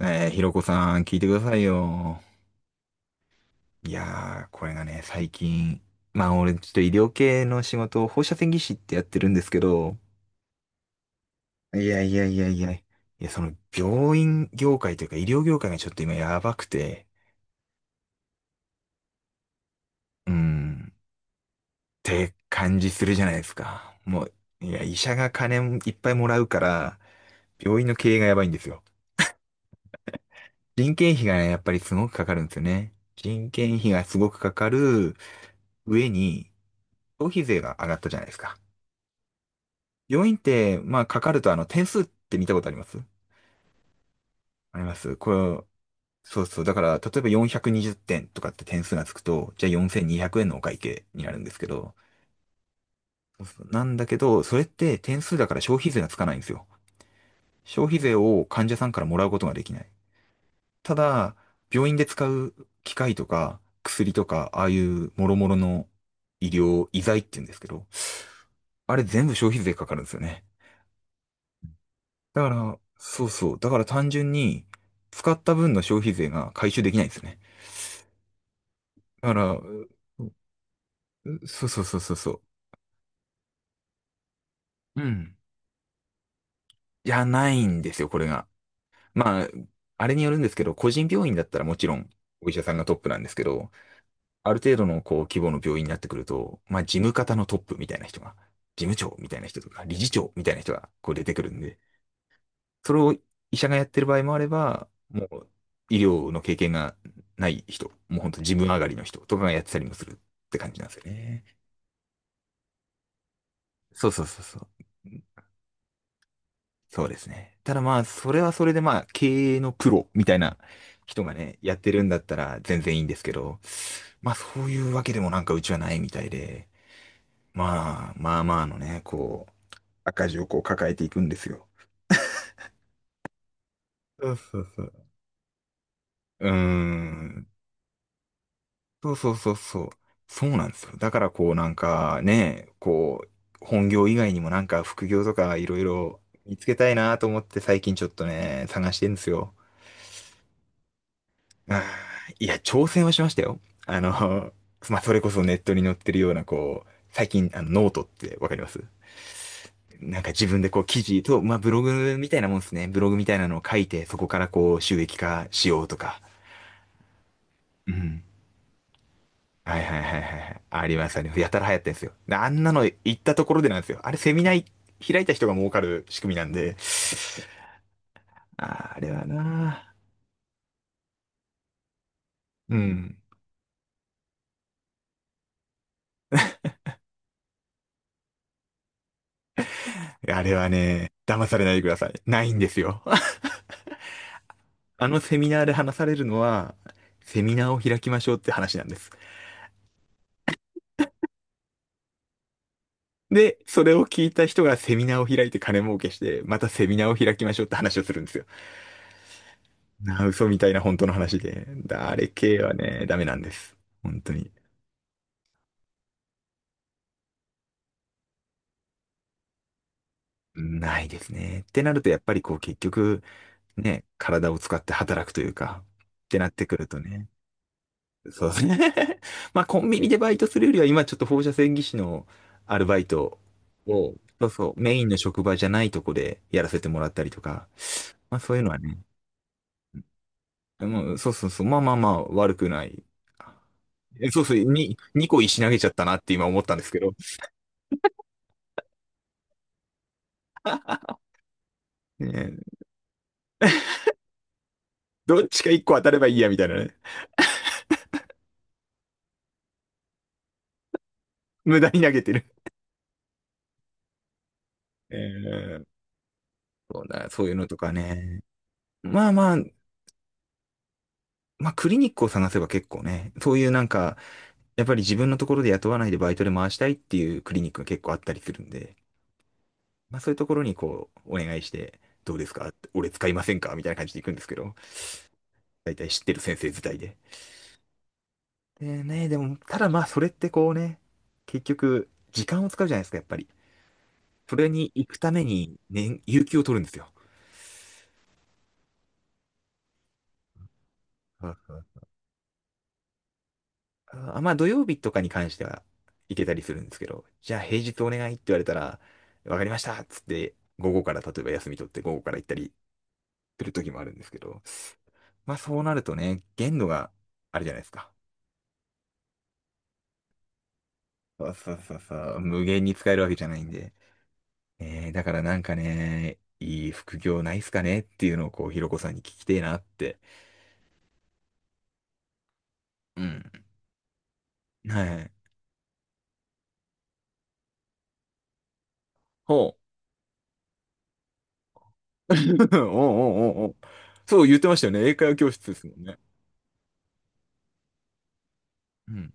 ひろこさん、聞いてくださいよ。いやー、これがね、最近、まあ俺、ちょっと医療系の仕事を放射線技師ってやってるんですけど、いやいやいやいや、いや、その病院業界というか医療業界がちょっと今やばくて、うん、って感じするじゃないですか。もう、いや、医者が金いっぱいもらうから、病院の経営がやばいんですよ。人件費がね、やっぱりすごくかかるんですよね。人件費がすごくかかる上に、消費税が上がったじゃないですか。病院って、まあ、かかると、あの、点数って見たことあります？あります。そうそう。だから、例えば420点とかって点数がつくと、じゃあ4200円のお会計になるんですけど、そうそうなんだけど、それって点数だから消費税がつかないんですよ。消費税を患者さんからもらうことができない。ただ、病院で使う機械とか、薬とか、ああいう諸々の医療、医材って言うんですけど、あれ全部消費税かかるんですよね。だから、そうそう。だから単純に、使った分の消費税が回収できないんですね。だから、そうそうそうそうそう。うん。じゃないんですよ、これが。まあ、あれによるんですけど、個人病院だったらもちろん、お医者さんがトップなんですけど、ある程度のこう規模の病院になってくると、まあ事務方のトップみたいな人が、事務長みたいな人とか、理事長みたいな人がこう出てくるんで、それを医者がやってる場合もあれば、もう医療の経験がない人、もう本当自分上がりの人とかがやってたりもするって感じなんですよね。そうそうそうそう。そうですね。ただまあ、それはそれでまあ、経営のプロみたいな人がね、やってるんだったら全然いいんですけど、まあそういうわけでもなんかうちはないみたいで、まあまあまあのね、こう、赤字をこう抱えていくんですよ。そうそうそう。うーん。そうそうそうそう。そうなんですよ。だからこうなんかね、こう、本業以外にもなんか副業とかいろいろ見つけたいなと思って最近ちょっとね、探してんですよ。あいや、挑戦はしましたよ。あの、まあ、それこそネットに載ってるようなこう、最近あのノートってわかります？なんか自分でこう記事と、まあ、ブログみたいなもんですね。ブログみたいなのを書いて、そこからこう収益化しようとか。うん。はいはいはいはいはい。ありましたね。やたら流行ってんですよ。あんなの行ったところでなんですよ。あれ、セミナー開いた人が儲かる仕組みなんで。あ、あれはな。うん。あれはね、騙されないでください。ないんですよ。あのセミナーで話されるのは、セミナーを開きましょうって話なんです。で、それを聞いた人がセミナーを開いて金儲けして、またセミナーを開きましょうって話をするんですよ。なあ、嘘みたいな本当の話で。だあれ系はね、ダメなんです。本当に。ないですね。ってなると、やっぱりこう結局、ね、体を使って働くというか、ってなってくるとね。そうですね。まあコンビニでバイトするよりは、今ちょっと放射線技師のアルバイトを、そうそう、メインの職場じゃないとこでやらせてもらったりとか、まあそういうのはね、もうそうそうそう、まあまあまあ悪くない。そうそう、2個石投げちゃったなって今思ったんですけど、ね、どっちか1個当たればいいやみたいなね。無駄に投げてる。えーそうだ、そういうのとかね。まあまあ、まあクリニックを探せば結構ね、そういうなんか、やっぱり自分のところで雇わないでバイトで回したいっていうクリニックが結構あったりするんで、まあそういうところにこう、お願いして、どうですか俺使いませんかみたいな感じで行くんですけど、大体知ってる先生自体で。でね、でも、ただまあそれってこうね、結局、時間を使うじゃないですか、やっぱり。それに行くために、年、有給を取るんですよ。まあ土曜日とかに関しては行けたりするんですけど、じゃあ平日お願いって言われたら、わかりましたっつって、午後から例えば休み取って午後から行ったりする時もあるんですけど、まあそうなるとね、限度があるじゃないですか。そうそうそうそう、無限に使えるわけじゃないんで。だからなんかね、いい副業ないっすかねっていうのをこう、ひろこさんに聞きてえなって。うん。はい。ほう。おうおうおうおう。そう言ってましたよね。英会話教室ですもんね。うん。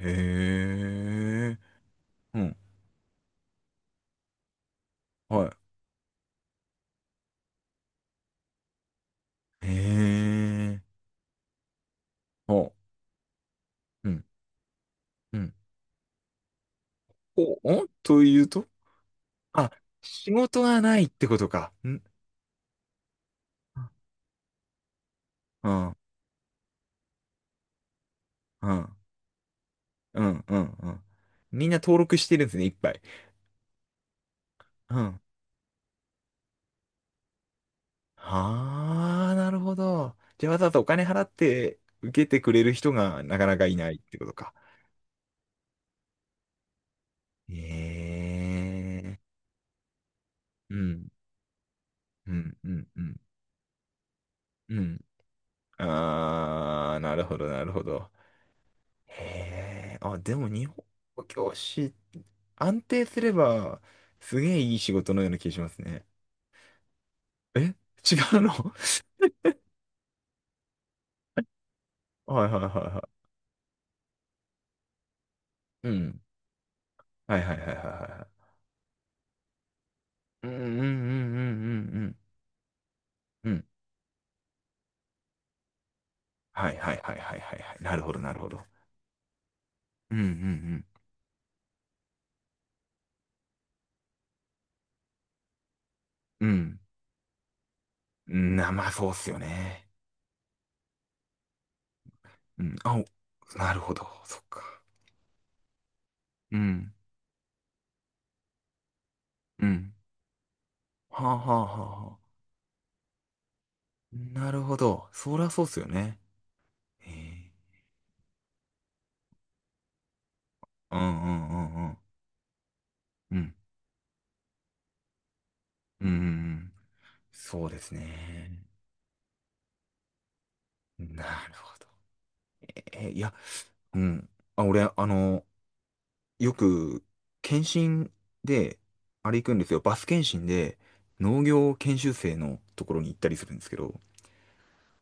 へえ。うん。はい。へえ。ほう。ん。うん。うん。お、というと、あ、仕事がないってことか。ん。うん。うん。うん。うん。うん。みんな登録してるんですね、いっぱい。うん。ああ、なるほど。じゃあわざわざお金払って受けてくれる人がなかなかいないってことか。ええ。うん。うん。うん。うん。うん。ああ、なるほど、なるほど。へえ、あ、でも日本語教師、安定すれば、すげえいい仕事のような気がしますね。え、違うの？ はいはいはいはい。うん。はいはいはいはいはい。うんうんうんうんうんうん。うん。はいはいはいはいはいはい。なるほどなるほど。うんうんうん。うん。な、まあそうっすよね。うん。なるほど。そっか。うん。うん。はあはあはあはあ。なるほど。そりゃそうっすよね。へえ。うんうんうんうん。うん。うん。そうですね。なるほど。え、いや、うん。あ、俺、あの、よく、検診で、あれ行くんですよ。バス検診で、農業研修生のところに行ったりするんですけど、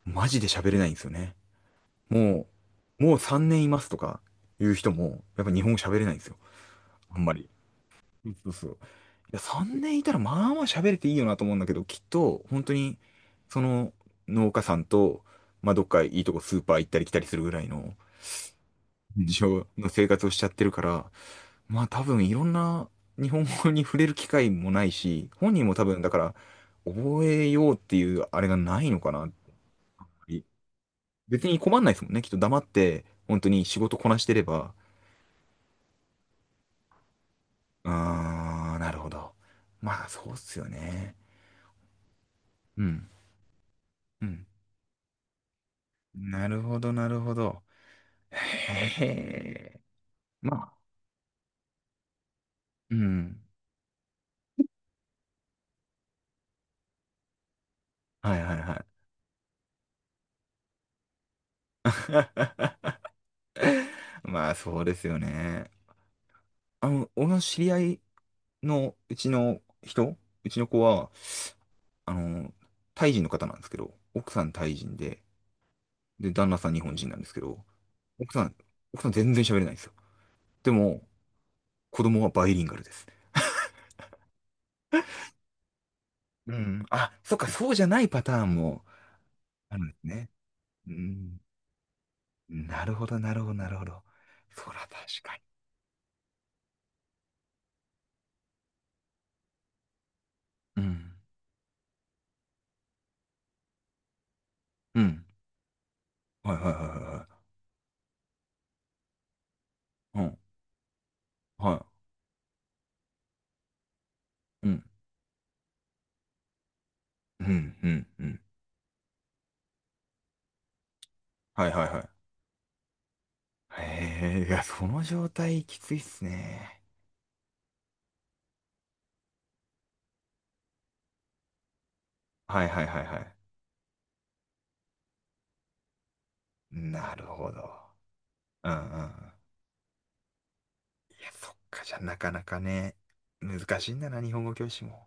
マジで喋れないんですよね。ももう3年いますとか、いう人も、やっぱ日本語喋れないんですよ。あんまり。そうそうそう。や、3年いたらまあまあ喋れていいよなと思うんだけど、きっと、本当に、その農家さんと、まあ、どっかいいとこスーパー行ったり来たりするぐらいの、うん、事情の生活をしちゃってるから、まあ多分いろんな日本語に触れる機会もないし、本人も多分だから覚えようっていうあれがないのかな。別に困んないですもんね。きっと黙って本当に仕事こなしてれば。あー、なるほど。まあそうっすよね。うん。うん。なるほど、なるほど。へえ。まあ、うん。はいはいはい。まあ、そうですよね。あの、俺の知り合いのうちの人、うちの子は、あの、タイ人の方なんですけど、奥さんタイ人で、で、旦那さん日本人なんですけど、奥さん、奥さん全然喋れないんですよ。でも、子供はバイリンガルです。うん。あ、そっか、そうじゃないパターンもあるんですね。うん。なるほど、なるほど、なるほど。そら、確かに。うん。うん。はいはいはいはいはい。うん。はい。うん。うん、うん、うん。はいはいはい。へえ、いや、その状態きついっすね。はいはいはいはい。なるほど。うんうんうん。いや、そっか、じゃあなかなかね、難しいんだな、日本語教師も。